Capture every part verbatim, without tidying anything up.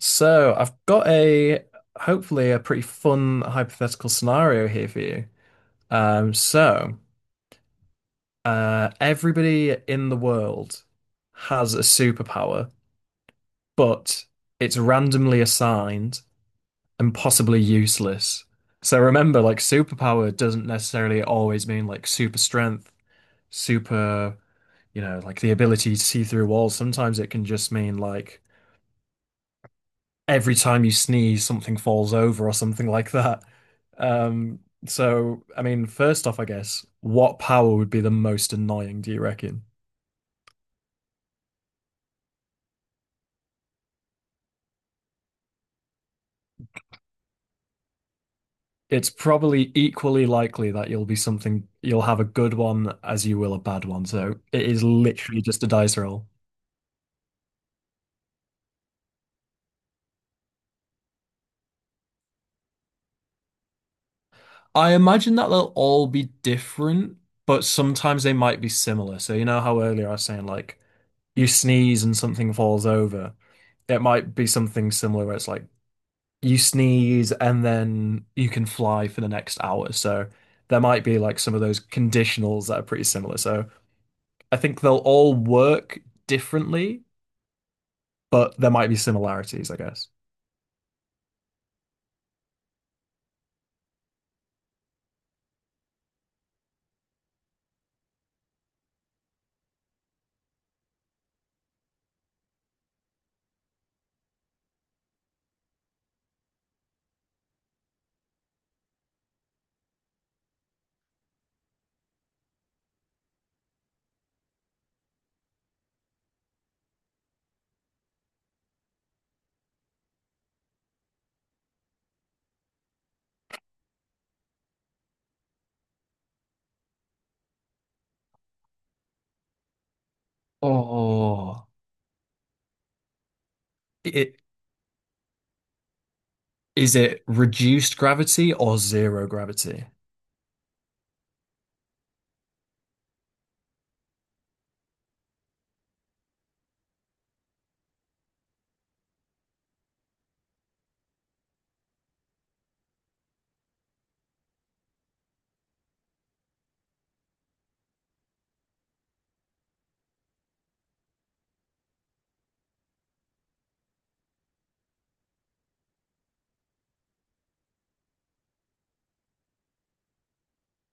So I've got a hopefully a pretty fun hypothetical scenario here for you. Um, so uh, Everybody in the world has a superpower, but it's randomly assigned and possibly useless. So remember, like superpower doesn't necessarily always mean like super strength, super, you know, like the ability to see through walls. Sometimes it can just mean like every time you sneeze, something falls over or something like that. Um, so, I mean, first off, I guess, what power would be the most annoying, do you reckon? It's probably equally likely that you'll be something, you'll have a good one as you will a bad one. So it is literally just a dice roll. I imagine that they'll all be different, but sometimes they might be similar. So, you know how earlier I was saying, like, you sneeze and something falls over. It might be something similar where it's like you sneeze and then you can fly for the next hour. So there might be like some of those conditionals that are pretty similar. So I think they'll all work differently, but there might be similarities, I guess. Oh, it is it reduced gravity or zero gravity?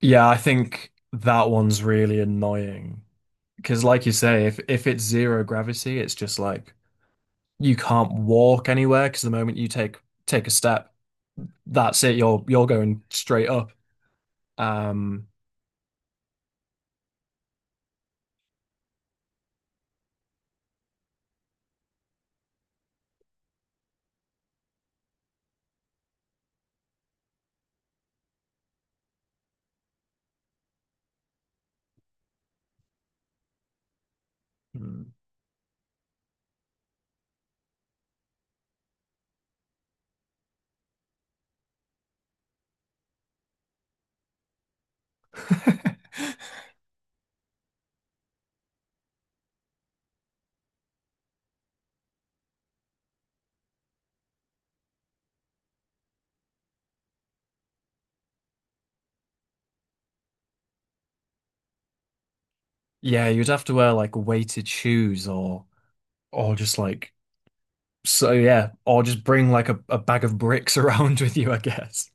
Yeah, I think that one's really annoying. Because like you say, if if it's zero gravity, it's just like you can't walk anywhere because the moment you take take a step, that's it. You're you're going straight up. Um, Mm. Yeah, you'd have to wear like weighted shoes or or just like so yeah, or just bring like a, a bag of bricks around with you, I guess.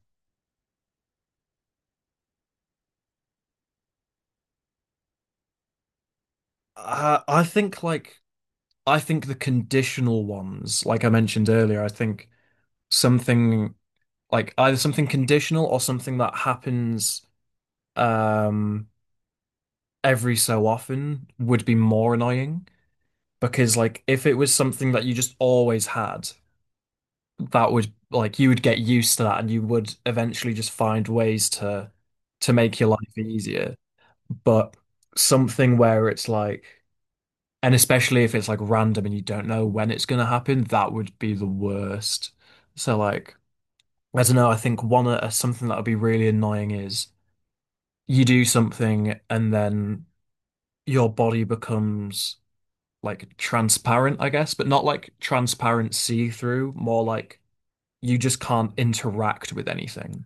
Uh, I think like I think the conditional ones, like I mentioned earlier, I think something like either something conditional or something that happens um every so often would be more annoying because like if it was something that you just always had, that would like you would get used to that and you would eventually just find ways to to make your life easier. But something where it's like, and especially if it's like random and you don't know when it's gonna happen, that would be the worst. So like, I don't know, I think one uh, something that would be really annoying is you do something and then your body becomes like transparent, I guess, but not like transparent see-through, more like you just can't interact with anything.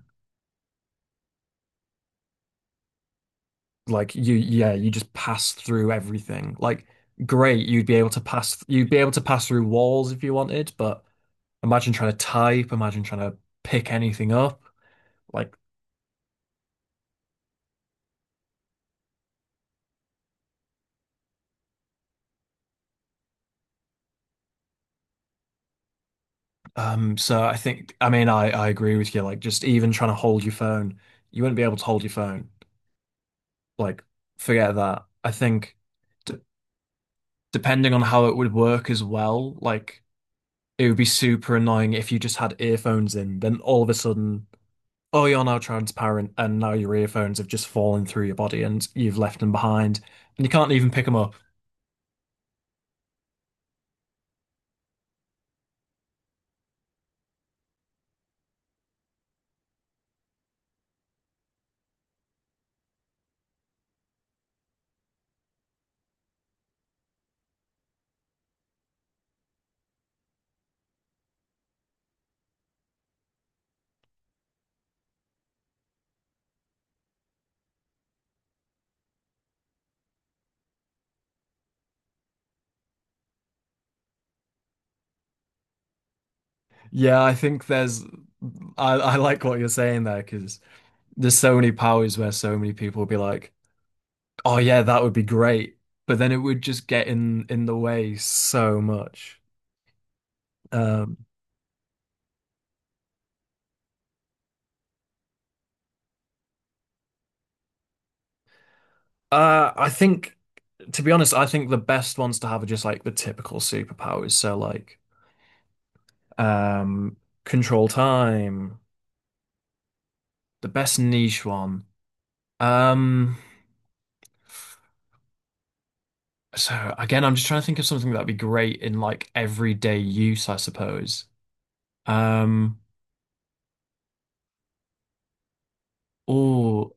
Like you, yeah, you just pass through everything. Like great, you'd be able to pass, you'd be able to pass through walls if you wanted, but imagine trying to type, imagine trying to pick anything up. Like, um, so I think, I mean, I, I agree with you. Like just even trying to hold your phone, you wouldn't be able to hold your phone. Like, forget that. I think d depending on how it would work as well, like it would be super annoying if you just had earphones in, then all of a sudden oh, you're now transparent, and now your earphones have just fallen through your body and you've left them behind, and you can't even pick them up. Yeah, I think there's, I, I like what you're saying there because there's so many powers where so many people would be like, oh, yeah, that would be great. But then it would just get in in the way so much. Um, uh, I think, to be honest, I think the best ones to have are just like the typical superpowers. So like, um, control time, the best niche one. Um, So again, I'm just trying to think of something that'd be great in like everyday use, I suppose. Um, oh,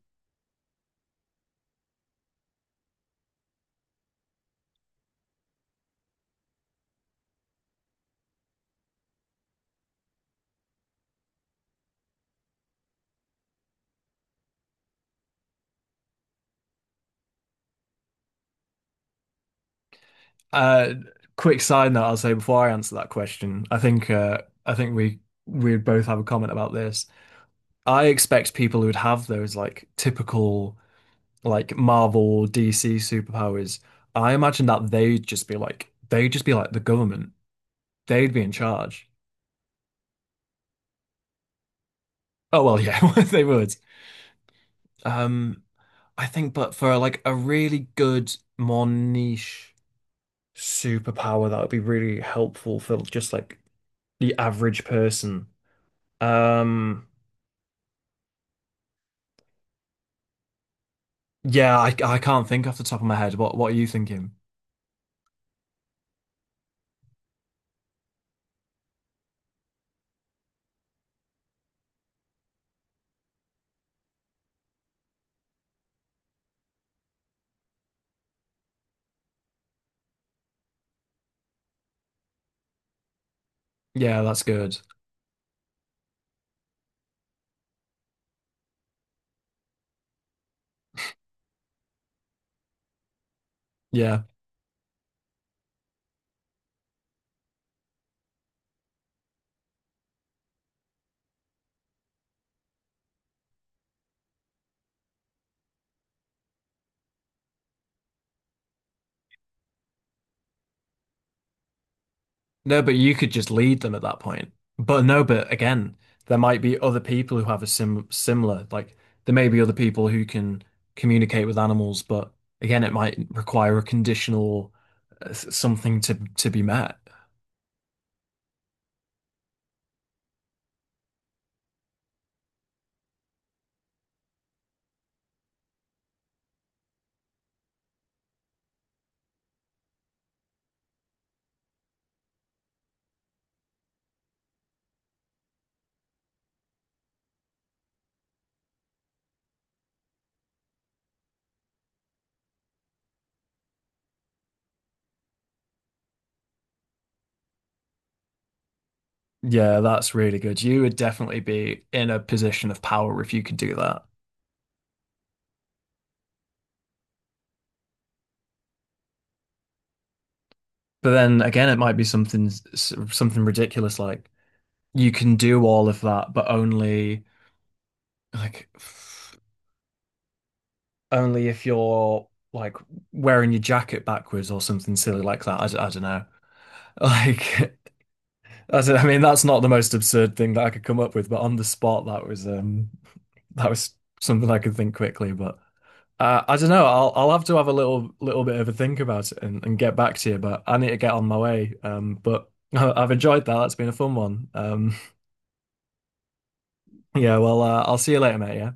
uh, Quick side note I'll say before I answer that question. I think uh, I think we we'd both have a comment about this. I expect people who'd have those like typical like Marvel or D C superpowers. I imagine that they'd just be like they'd just be like the government. They'd be in charge. Oh well, yeah, they would. Um, I think, but for like a really good, more niche superpower, that would be really helpful for just like the average person. Um, yeah, I I can't think off the top of my head. What what are you thinking? Yeah, that's good. Yeah. No, but you could just lead them at that point. But no, but again, there might be other people who have a sim similar, like there may be other people who can communicate with animals, but again, it might require a conditional uh, s- something to to be met. Yeah, that's really good. You would definitely be in a position of power if you could do that. But then again, it might be something s- something ridiculous like you can do all of that, but only like f- only if you're like wearing your jacket backwards or something silly like that. I, d- I don't know. Like I don't- I mean, that's not the most absurd thing that I could come up with, but on the spot, that was um that was something I could think quickly, but. Uh, I don't know. I'll I'll have to have a little little bit of a think about it and, and get back to you. But I need to get on my way. Um, but I- I've enjoyed that. That's been a fun one. Um, yeah. Well, uh, I'll see you later, mate. Yeah.